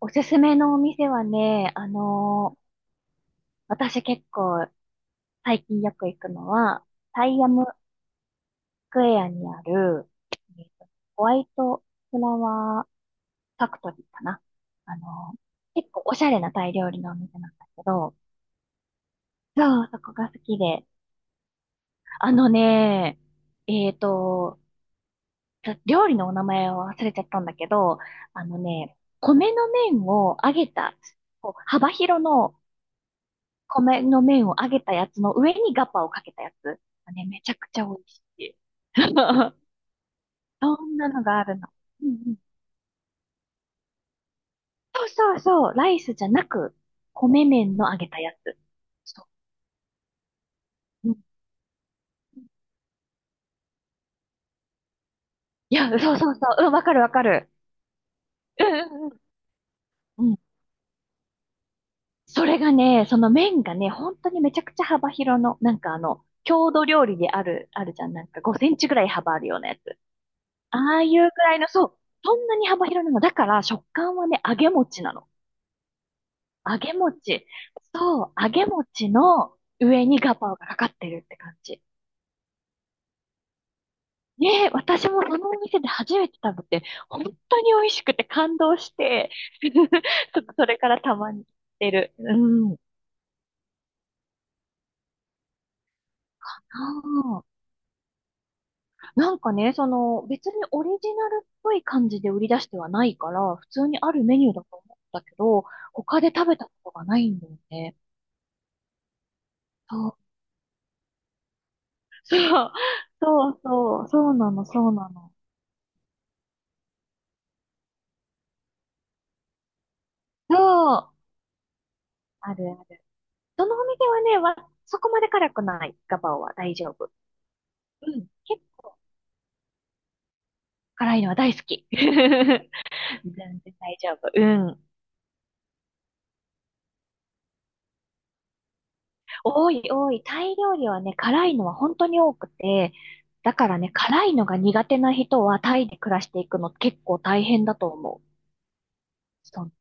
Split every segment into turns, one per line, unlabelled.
おすすめのお店はね、私結構最近よく行くのは、タイアムスクエアにある、えーとホワイトフラワーファクトリーかな。あのー結構おしゃれなタイ料理のお店なんだけど、そう、そこが好きで。あのね、えっと、料理のお名前を忘れちゃったんだけど、あのね、米の麺を揚げた、こう幅広の米の麺を揚げたやつの上にガパをかけたやつ。ね、めちゃくちゃ美味しい。そんなのがあるの。うんうん。そうそうそう。ライスじゃなく、米麺の揚げたやつ。そう。うん、いや、そうそうそう。うん、わかるわかる。うんうんうん。うん。それがね、その麺がね、本当にめちゃくちゃ幅広の、なんかあの、郷土料理である、あるじゃん。なんか5センチぐらい幅あるようなやつ。ああいうぐらいの、そう。そんなに幅広なの。だから、食感はね、揚げ餅なの。揚げ餅。そう、揚げ餅の上にガパオがかかってるって感じ。ねえ、私もそのお店で初めて食べて、本当に美味しくて感動して、ちょっとそれからたまに行ってる。うん。ああ、なんかね、その、別にオリジナルっぽい感じで売り出してはないから、普通にあるメニューだと思ったけど、他で食べたことがないんだよね。そう、そう、そう、そう、そうなの、そうなの。そう、あるある。どのお店はね、そこまで辛くない。ガパオは大丈夫。うん。結構辛いのは大好き。全然大丈夫。うん。多い多い。タイ料理はね、辛いのは本当に多くて、だからね、辛いのが苦手な人はタイで暮らしていくの結構大変だと思う。そう、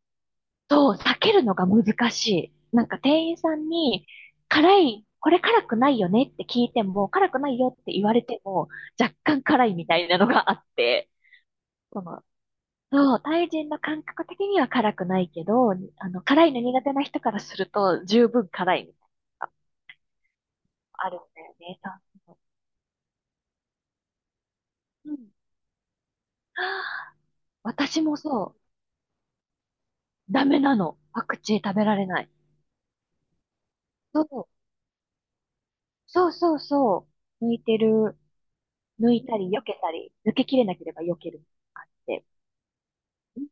そう避けるのが難しい。なんか店員さんに、辛い、これ辛くないよねって聞いても、辛くないよって言われても、若干辛いみたいなのがあって、その、そう、タイ人の感覚的には辛くないけど、辛いの苦手な人からすると十分辛いみたいなのがあるんだよね。そうそう。うん。私もそう、ダメなの。パクチー食べられない。そう、そうそうそう。抜いてる、抜いたり、避けたり、抜けきれなければ避けるみたいなのがあって。い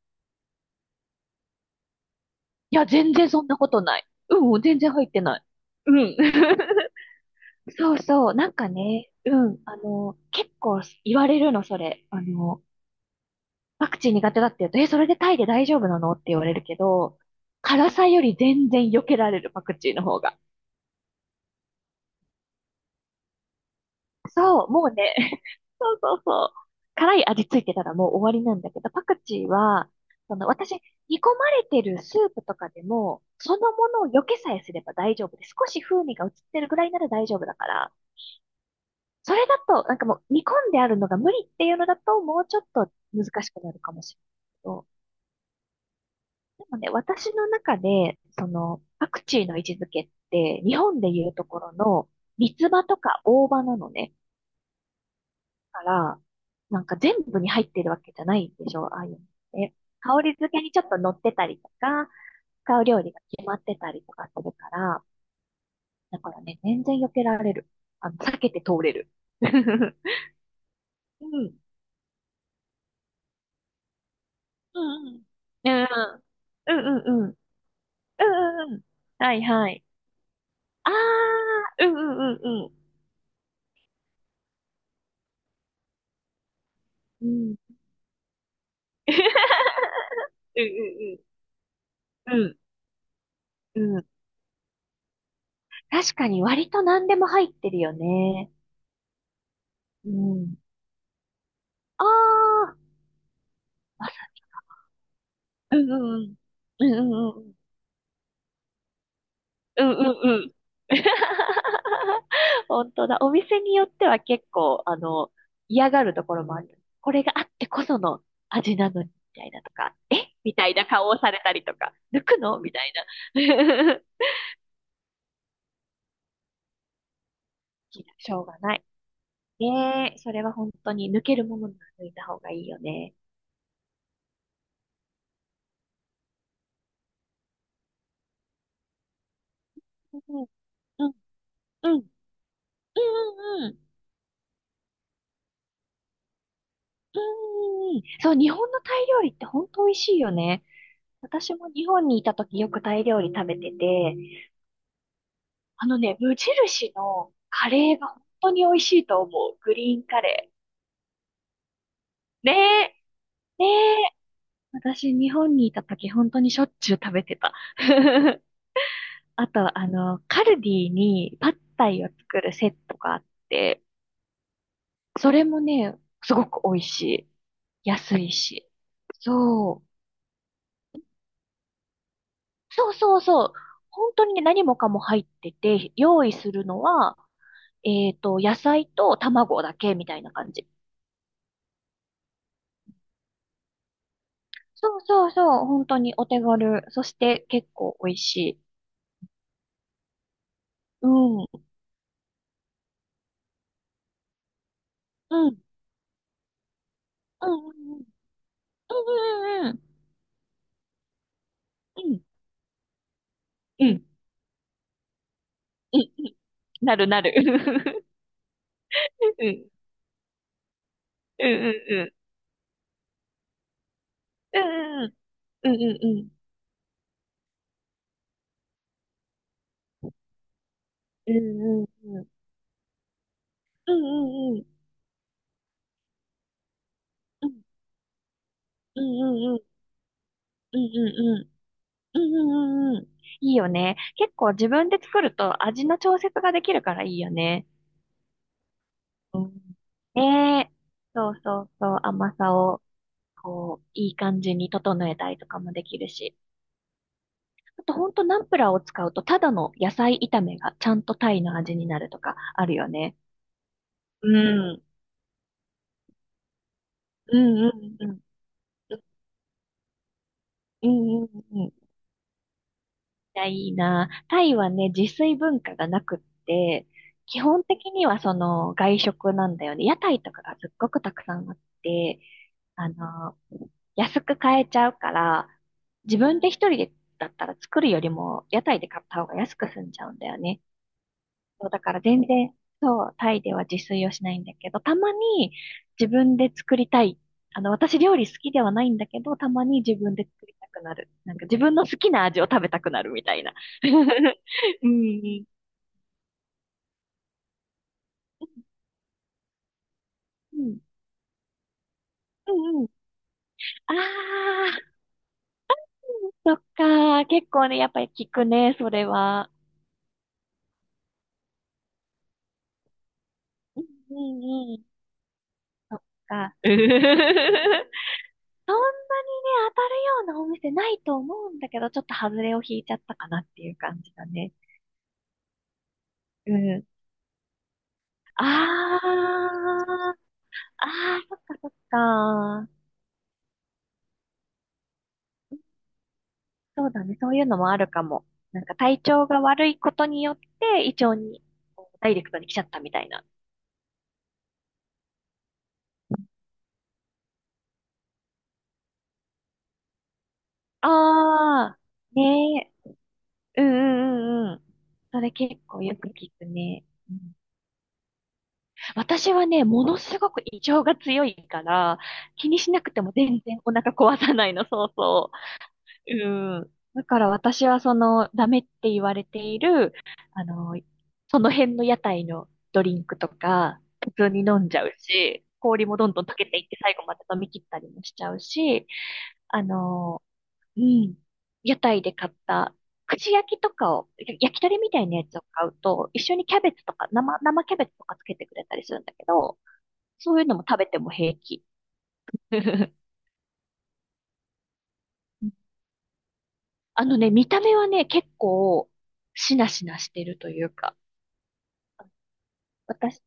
や、全然そんなことない。うん、全然入ってない。うん。そうそう、なんかね、うん、結構言われるの、それ。パクチー苦手だって言うと、え、それでタイで大丈夫なのって言われるけど、辛さより全然避けられる、パクチーの方が。そう、もうね、そうそうそう。辛い味ついてたらもう終わりなんだけど、パクチーは、私、煮込まれてるスープとかでも、そのものを避けさえすれば大丈夫で、少し風味が移ってるぐらいなら大丈夫だから、それだと、なんかもう煮込んであるのが無理っていうのだと、もうちょっと難しくなるかもしれないけど、でもね、私の中で、その、パクチーの位置づけって、日本でいうところの、三つ葉とか大葉なのね。だから、なんか全部に入ってるわけじゃないでしょ、ああいうのって。香り付けにちょっと乗ってたりとか、使う料理が決まってたりとかするから、だからね、全然避けられる。避けて通れる。うん。うん。うん。うん。うんうんうん。うんうんうん。はいはい。ああ、うんうんうんうん。うん。うんうんうん。うんうん。確かに割と何でも入ってるよね。うん。ああ、うんうんうん。うんうんうん。うんうんうん。本当だ。お店によっては結構、嫌がるところもある。これがあってこその味なのに、みたいなとか、えみたいな顔をされたりとか、抜くのみたいな。しょうがない。ねえ、それは本当に抜けるものなら抜いた方がいいよね。うんうんうんうんうんうんうん。うんうん。そう、日本のタイ料理って本当美味しいよね。私も日本にいた時よくタイ料理食べてて、あのね、無印のカレーが本当に美味しいと思う。グリーンカレー。ねえ、ねえ。私日本にいた時本当にしょっちゅう食べてた。あと、カルディにパッタイを作るセットがあって、それもね、すごく美味しい。安いし。そう。そうそうそう。本当にね、何もかも入ってて、用意するのは、野菜と卵だけみたいな感じ。そうそうそう。本当にお手軽。そして結構美味しい。うん。うん。うん。うんうんうん。うん。うん。うん。うん。なるなる。うん。うんうんうん。うんうんうん。うんうんうん。うんうんうん。うんうんうん。うんうんうん。うんうんうんうん。いいよね。結構自分で作ると味の調節ができるからいいよね。うん。ねえ。そうそうそう。甘さを、こう、いい感じに整えたりとかもできるし。あと、ほんとナンプラーを使うと、ただの野菜炒めがちゃんとタイの味になるとかあるよね。うん。うんうんうん。うんうんうん。いや、いいな。タイはね、自炊文化がなくって、基本的にはその外食なんだよね。屋台とかがすっごくたくさんあって、あの、安く買えちゃうから、自分で一人でだったら作るよりも屋台で買った方が安く済んじゃうんだよね。そう、だから全然、そう、タイでは自炊をしないんだけど、たまに自分で作りたい。私料理好きではないんだけど、たまに自分で作りたくなる。なんか自分の好きな味を食べたくなるみたいな。うん。うん。うんうん。ああ、そっか。結構ね、やっぱり聞くね、それは。うんうんうん。そっか。そんな当たるようなお店ないと思うんだけど、ちょっと外れを引いちゃったかなっていう感じだね。うん。ああ、ああ、そっかそっか。そうだね。そういうのもあるかも。なんか体調が悪いことによって胃腸にこうダイレクトに来ちゃったみたいな。ああ、ねえ。うんうんうんうん。それ結構よく聞くね。うん。私はね、ものすごく胃腸が強いから、気にしなくても全然お腹壊さないの、そうそう。うん。だから私はその、ダメって言われている、あの、その辺の屋台のドリンクとか、普通に飲んじゃうし、氷もどんどん溶けていって最後まで飲み切ったりもしちゃうし、あの、うん。屋台で買った、串焼きとかを、焼き鳥みたいなやつを買うと、一緒にキャベツとか、生キャベツとかつけてくれたりするんだけど、そういうのも食べても平気。あのね、見た目はね、結構、しなしなしてるというか、私、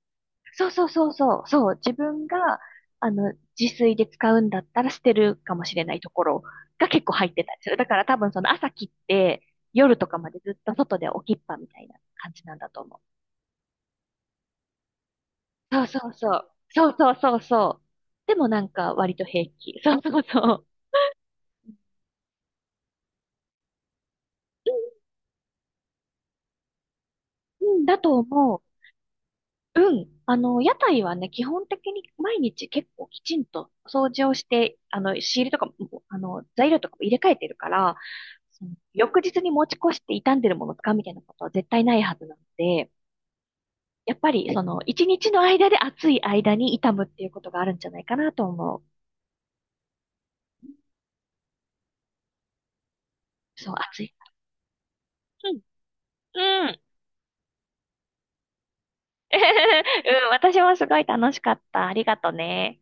そうそうそうそう、そう、自分が、自炊で使うんだったら捨てるかもしれないところが結構入ってたりする。だから多分その朝切って夜とかまでずっと外で置きっぱみたいな感じなんだと思う。そうそうそう。そうそうそうそう。でもなんか割と平気。そうそうそう。うん、だと思う。うん。屋台はね、基本的に毎日結構きちんと掃除をして、仕入れとかも、材料とかも入れ替えてるから、その翌日に持ち越して傷んでるもの使うみたいなことは絶対ないはずなので、やっぱり一日の間で暑い間に傷むっていうことがあるんじゃないかなと思う。そう、暑い。うん。うん。うん、私もすごい楽しかった。ありがとね。